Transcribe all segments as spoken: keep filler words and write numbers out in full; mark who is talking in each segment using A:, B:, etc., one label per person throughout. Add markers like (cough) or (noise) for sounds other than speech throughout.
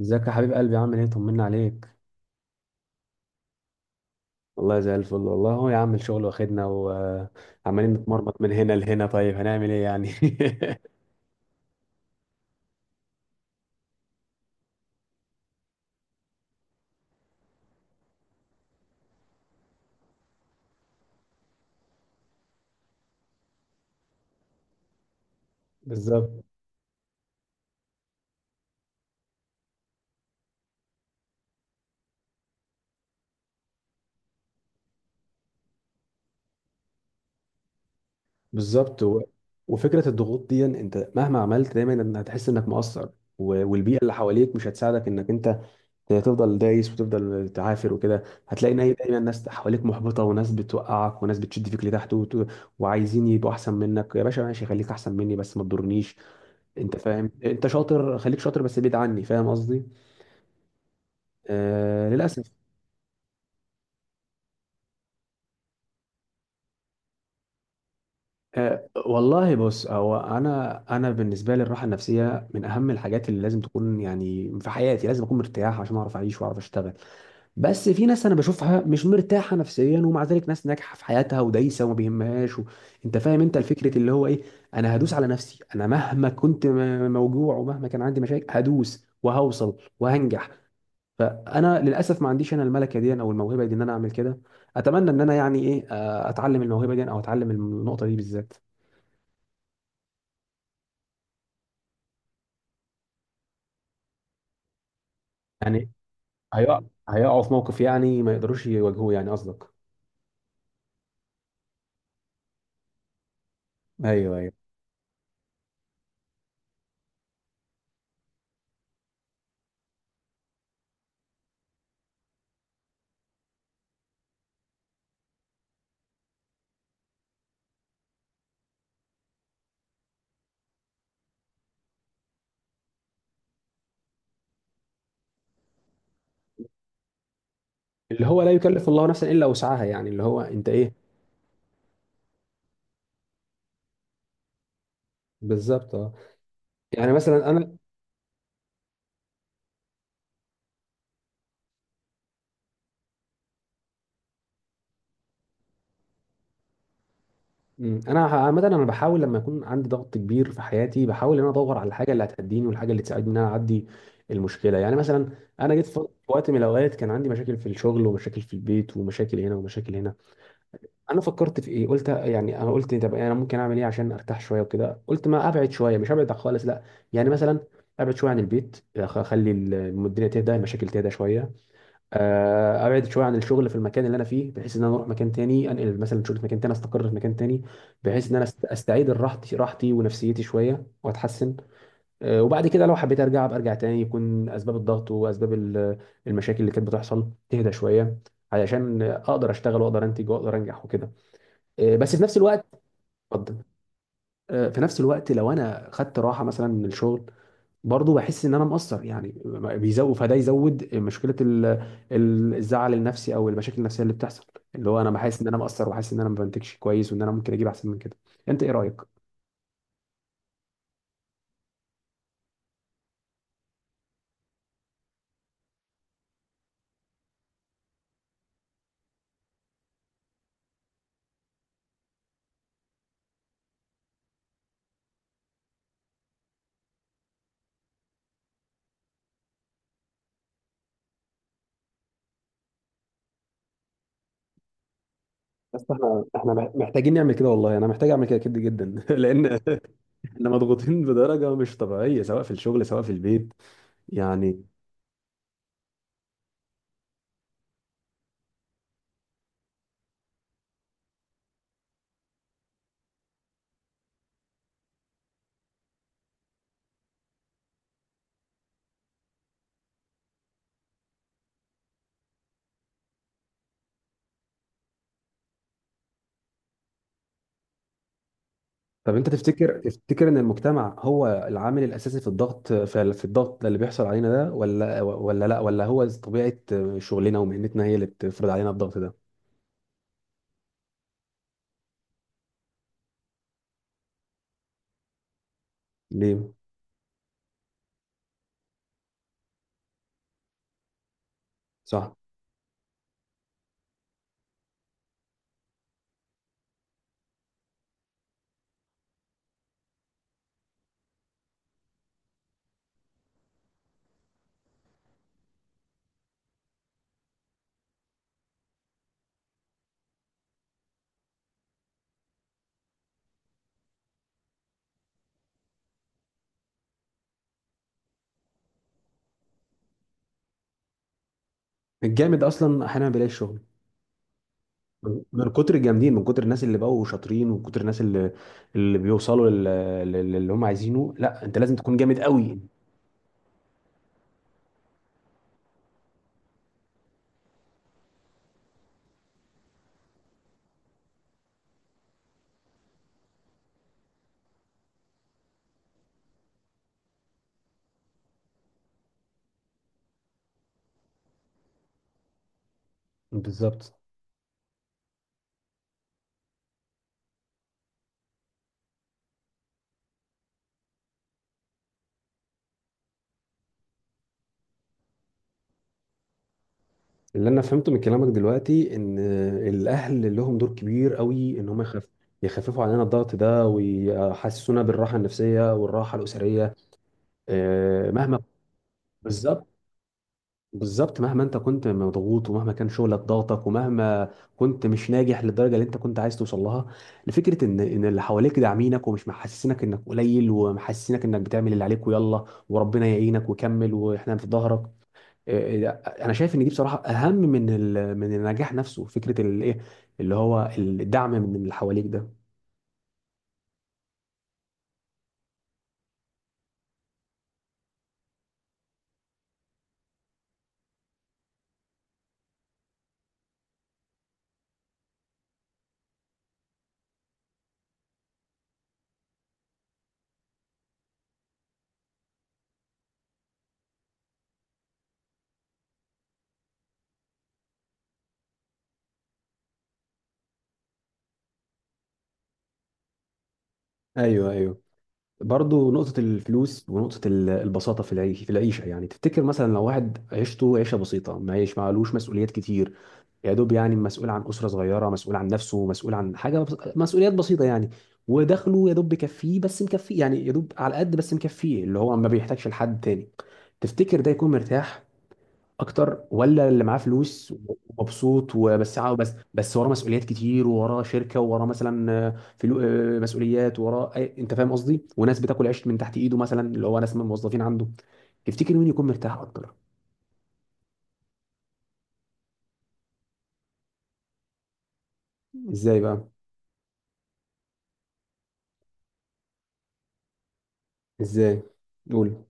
A: ازيك يا حبيب قلبي؟ عامل ايه؟ طمنا عليك. والله زي الفل. والله هو يا عم الشغل واخدنا وعمالين نتمرمط من هنا لهنا، طيب هنعمل ايه يعني؟ (laughs) بالظبط. بالظبط و... وفكره الضغوط دي انت مهما عملت دايما ان هتحس انك مقصر. و... والبيئه اللي حواليك مش هتساعدك انك انت تفضل دايس وتفضل تعافر، وكده هتلاقي إن هي دايما ناس حواليك محبطه، وناس بتوقعك، وناس بتشد فيك لتحت وت... وعايزين يبقوا احسن منك. يا باشا ماشي، خليك احسن مني بس ما تضرنيش. انت فاهم، انت شاطر، خليك شاطر بس بعيد عني، فاهم قصدي؟ آه للاسف. آه والله بص، هو انا انا بالنسبه لي الراحه النفسيه من اهم الحاجات اللي لازم تكون يعني في حياتي. لازم اكون مرتاح عشان اعرف اعيش واعرف اشتغل. بس في ناس انا بشوفها مش مرتاحه نفسيا، ومع ذلك ناس ناجحه في حياتها ودايسه وما بيهمهاش و... انت فاهم؟ انت الفكره اللي هو ايه، انا هدوس على نفسي. انا مهما كنت م- موجوع، ومهما كان عندي مشاكل، هدوس وهوصل وهنجح. فانا للاسف ما عنديش انا الملكه دي او الموهبه دي ان انا اعمل كده. اتمنى ان انا يعني ايه، آه، اتعلم الموهبه دي او اتعلم النقطه دي بالذات. يعني هيقع، هيقعوا في موقف يعني ما يقدروش يواجهوه، يعني قصدك؟ ايوه، ايوه. اللي هو لا يكلف الله نفسا الا وسعها، يعني اللي هو انت ايه. بالظبط اه. يعني مثلا انا. مم، انا عامه انا بحاول لما يكون عندي ضغط كبير في حياتي، بحاول ان انا ادور على الحاجه اللي هتهديني والحاجه اللي تساعدني ان انا اعدي المشكله. يعني مثلا انا جيت في في وقت من الاوقات كان عندي مشاكل في الشغل ومشاكل في البيت ومشاكل هنا ومشاكل هنا. انا فكرت في ايه، قلت يعني انا قلت طب انا ممكن اعمل ايه عشان ارتاح شويه وكده. قلت ما ابعد شويه، مش ابعد خالص لا. يعني مثلا ابعد شويه عن البيت، أخ- اخلي الدنيا تهدى، المشاكل تهدى شويه. آه، ابعد شويه عن الشغل في المكان اللي انا فيه، بحيث ان انا اروح مكان تاني، انقل مثلا شغل في مكان تاني، استقر في مكان تاني، بحيث ان انا است- استعيد راحتي راحتي ونفسيتي شويه واتحسن. آه، وبعد كده لو حبيت ارجع أبقى ارجع تاني، يكون اسباب الضغط واسباب ال- المشاكل اللي كانت بتحصل تهدى شويه، علشان اقدر اشتغل واقدر انتج واقدر انجح وكده. آه، بس في نفس الوقت. اتفضل. آه، في نفس الوقت لو انا خدت راحه مثلا من الشغل، برضه بحس ان انا مقصر يعني. بيزود، فده يزود مشكله ال- ال- الزعل النفسي او المشاكل النفسيه اللي بتحصل، اللي هو انا بحس ان انا مقصر، وحاسس ان انا ما بنتجش كويس، وان انا ممكن اجيب احسن من كده. انت ايه رايك؟ بس احنا احنا مح- محتاجين نعمل كده. والله انا محتاج اعمل كده كده جدا (laughs) لان احنا مضغوطين بدرجه مش طبيعيه، سواء في الشغل سواء في البيت يعني. طب انت تفتكر، تفتكر ان المجتمع هو العامل الاساسي في الضغط، في في الضغط اللي بيحصل علينا ده، ولا ولا لا ولا هو طبيعه شغلنا ومهنتنا هي اللي بتفرض علينا الضغط ده؟ ليه؟ صح. الجامد اصلا احيانا ما بيلاقيش شغل. من من كتر الجامدين، من كتر الناس اللي بقوا شاطرين، ومن كتر الناس اللي اللي بيوصلوا لل- لل- للي هم عايزينه. لا، انت لازم تكون جامد قوي. بالظبط. اللي انا فهمته من كلامك دلوقتي ان الاهل لهم دور كبير قوي، ان هم يخف، يخففوا علينا الضغط ده ويحسسونا بالراحه النفسيه والراحه الاسريه. آه، مهما. بالظبط. بالظبط مهما انت كنت مضغوط، ومهما كان شغلك ضاغطك، ومهما كنت مش ناجح للدرجه اللي انت كنت عايز توصل لها. لفكره ان ان اللي حواليك داعمينك، ومش محسسينك انك قليل، ومحسسينك انك بتعمل اللي عليك ويلا، وربنا يعينك وكمل واحنا في ظهرك. آه، آه، انا شايف ان دي بصراحه اهم من ال- من النجاح نفسه، فكره الايه، اللي هو الدعم من اللي حواليك ده. ايوه، ايوه. برضه نقطه الفلوس ونقطه ال- البساطه في العيش، في العيشه يعني. تفتكر مثلا لو واحد عيشته عيشه بسيطه، ما يعيش معلوش مسؤوليات كتير، يا دوب يعني مسؤول عن اسره صغيره، مسؤول عن نفسه، مسؤول عن حاجه بس- مسؤوليات بسيطه يعني. ودخله يا دوب بيكفيه، بس مكفيه يعني، يا دوب على قد بس مكفيه، اللي هو ما بيحتاجش لحد تاني. تفتكر ده يكون مرتاح اكتر، ولا اللي معاه فلوس ومبسوط وبس عاو- بس بس وراه مسؤوليات كتير، ووراه شركه، ووراه مثلا آه، فلو آه، مسؤوليات، وراه أي- انت فاهم قصدي، وناس بتاكل عيش من تحت ايده مثلا اللي هو ناس من الموظفين عنده. تفتكر مين يكون مرتاح اكتر؟ ازاي بقى؟ ازاي، قول.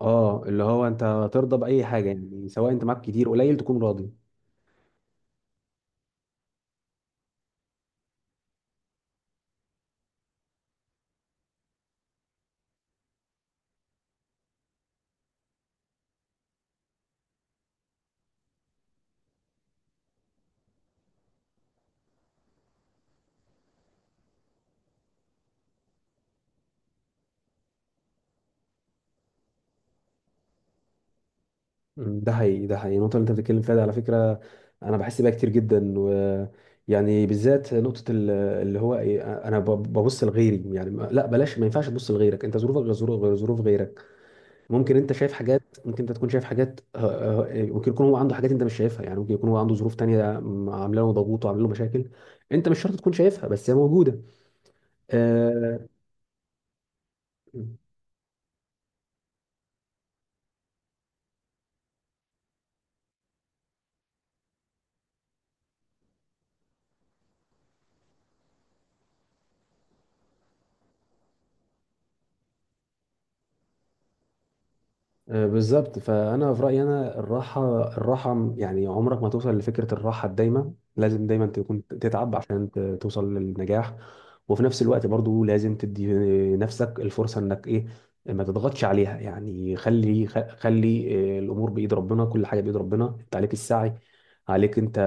A: اه، اللي هو انت ترضى باي حاجه يعني، سواء انت معاك كتير قليل تكون راضي. مم، ده حقيقي، ده حقيقي. النقطة اللي أنت بتتكلم فيها دي على فكرة أنا بحس بيها كتير جدا و يعني بالذات نقطة ال- اللي هو إيه، أنا ب- ببص لغيري يعني، ما- لا بلاش، ما ينفعش تبص لغيرك، أنت ظروفك غير ظروف غير ظروف غيرك. ممكن أنت شايف حاجات، ممكن أنت تكون شايف حاجات، آه، آه، آه، ممكن يكون هو عنده حاجات أنت مش شايفها يعني. ممكن يكون هو عنده ظروف تانية م- عاملة له ضغوط وعاملة له مشاكل. أنت مش شرط تكون شايفها، بس هي موجودة. آه، آه، بالظبط. فانا في رايي انا الراحه، الراحه م- يعني عمرك ما توصل لفكره الراحه الدايمه. لازم دايما تكون تتعب عشان ت- توصل للنجاح. وفي نفس الوقت برضو لازم تدي نفسك الفرصه انك ايه، ما تضغطش عليها يعني. خلي، خ- خلي آه، الامور بايد ربنا، كل حاجه بايد ربنا، انت عليك السعي، عليك انت.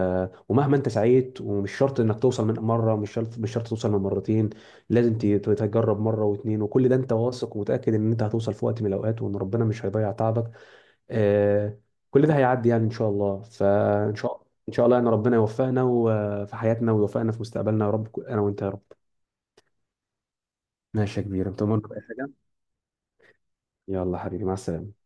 A: ومهما انت سعيت، ومش شرط انك توصل من مره، مش شرط، مش شرط توصل من مرتين. لازم ت- تجرب مره واتنين، وكل ده انت واثق ومتاكد ان انت هتوصل في وقت من الاوقات، وان ربنا مش هيضيع تعبك. آه. كل ده هيعدي يعني ان شاء الله. فان شاء ان شاء الله يعني ربنا يوفقنا و- في حياتنا، ويوفقنا في مستقبلنا يا رب، انا وانت يا رب. ماشي يا كبير، انت تؤمرني باي حاجه. يلا حبيبي مع السلامه.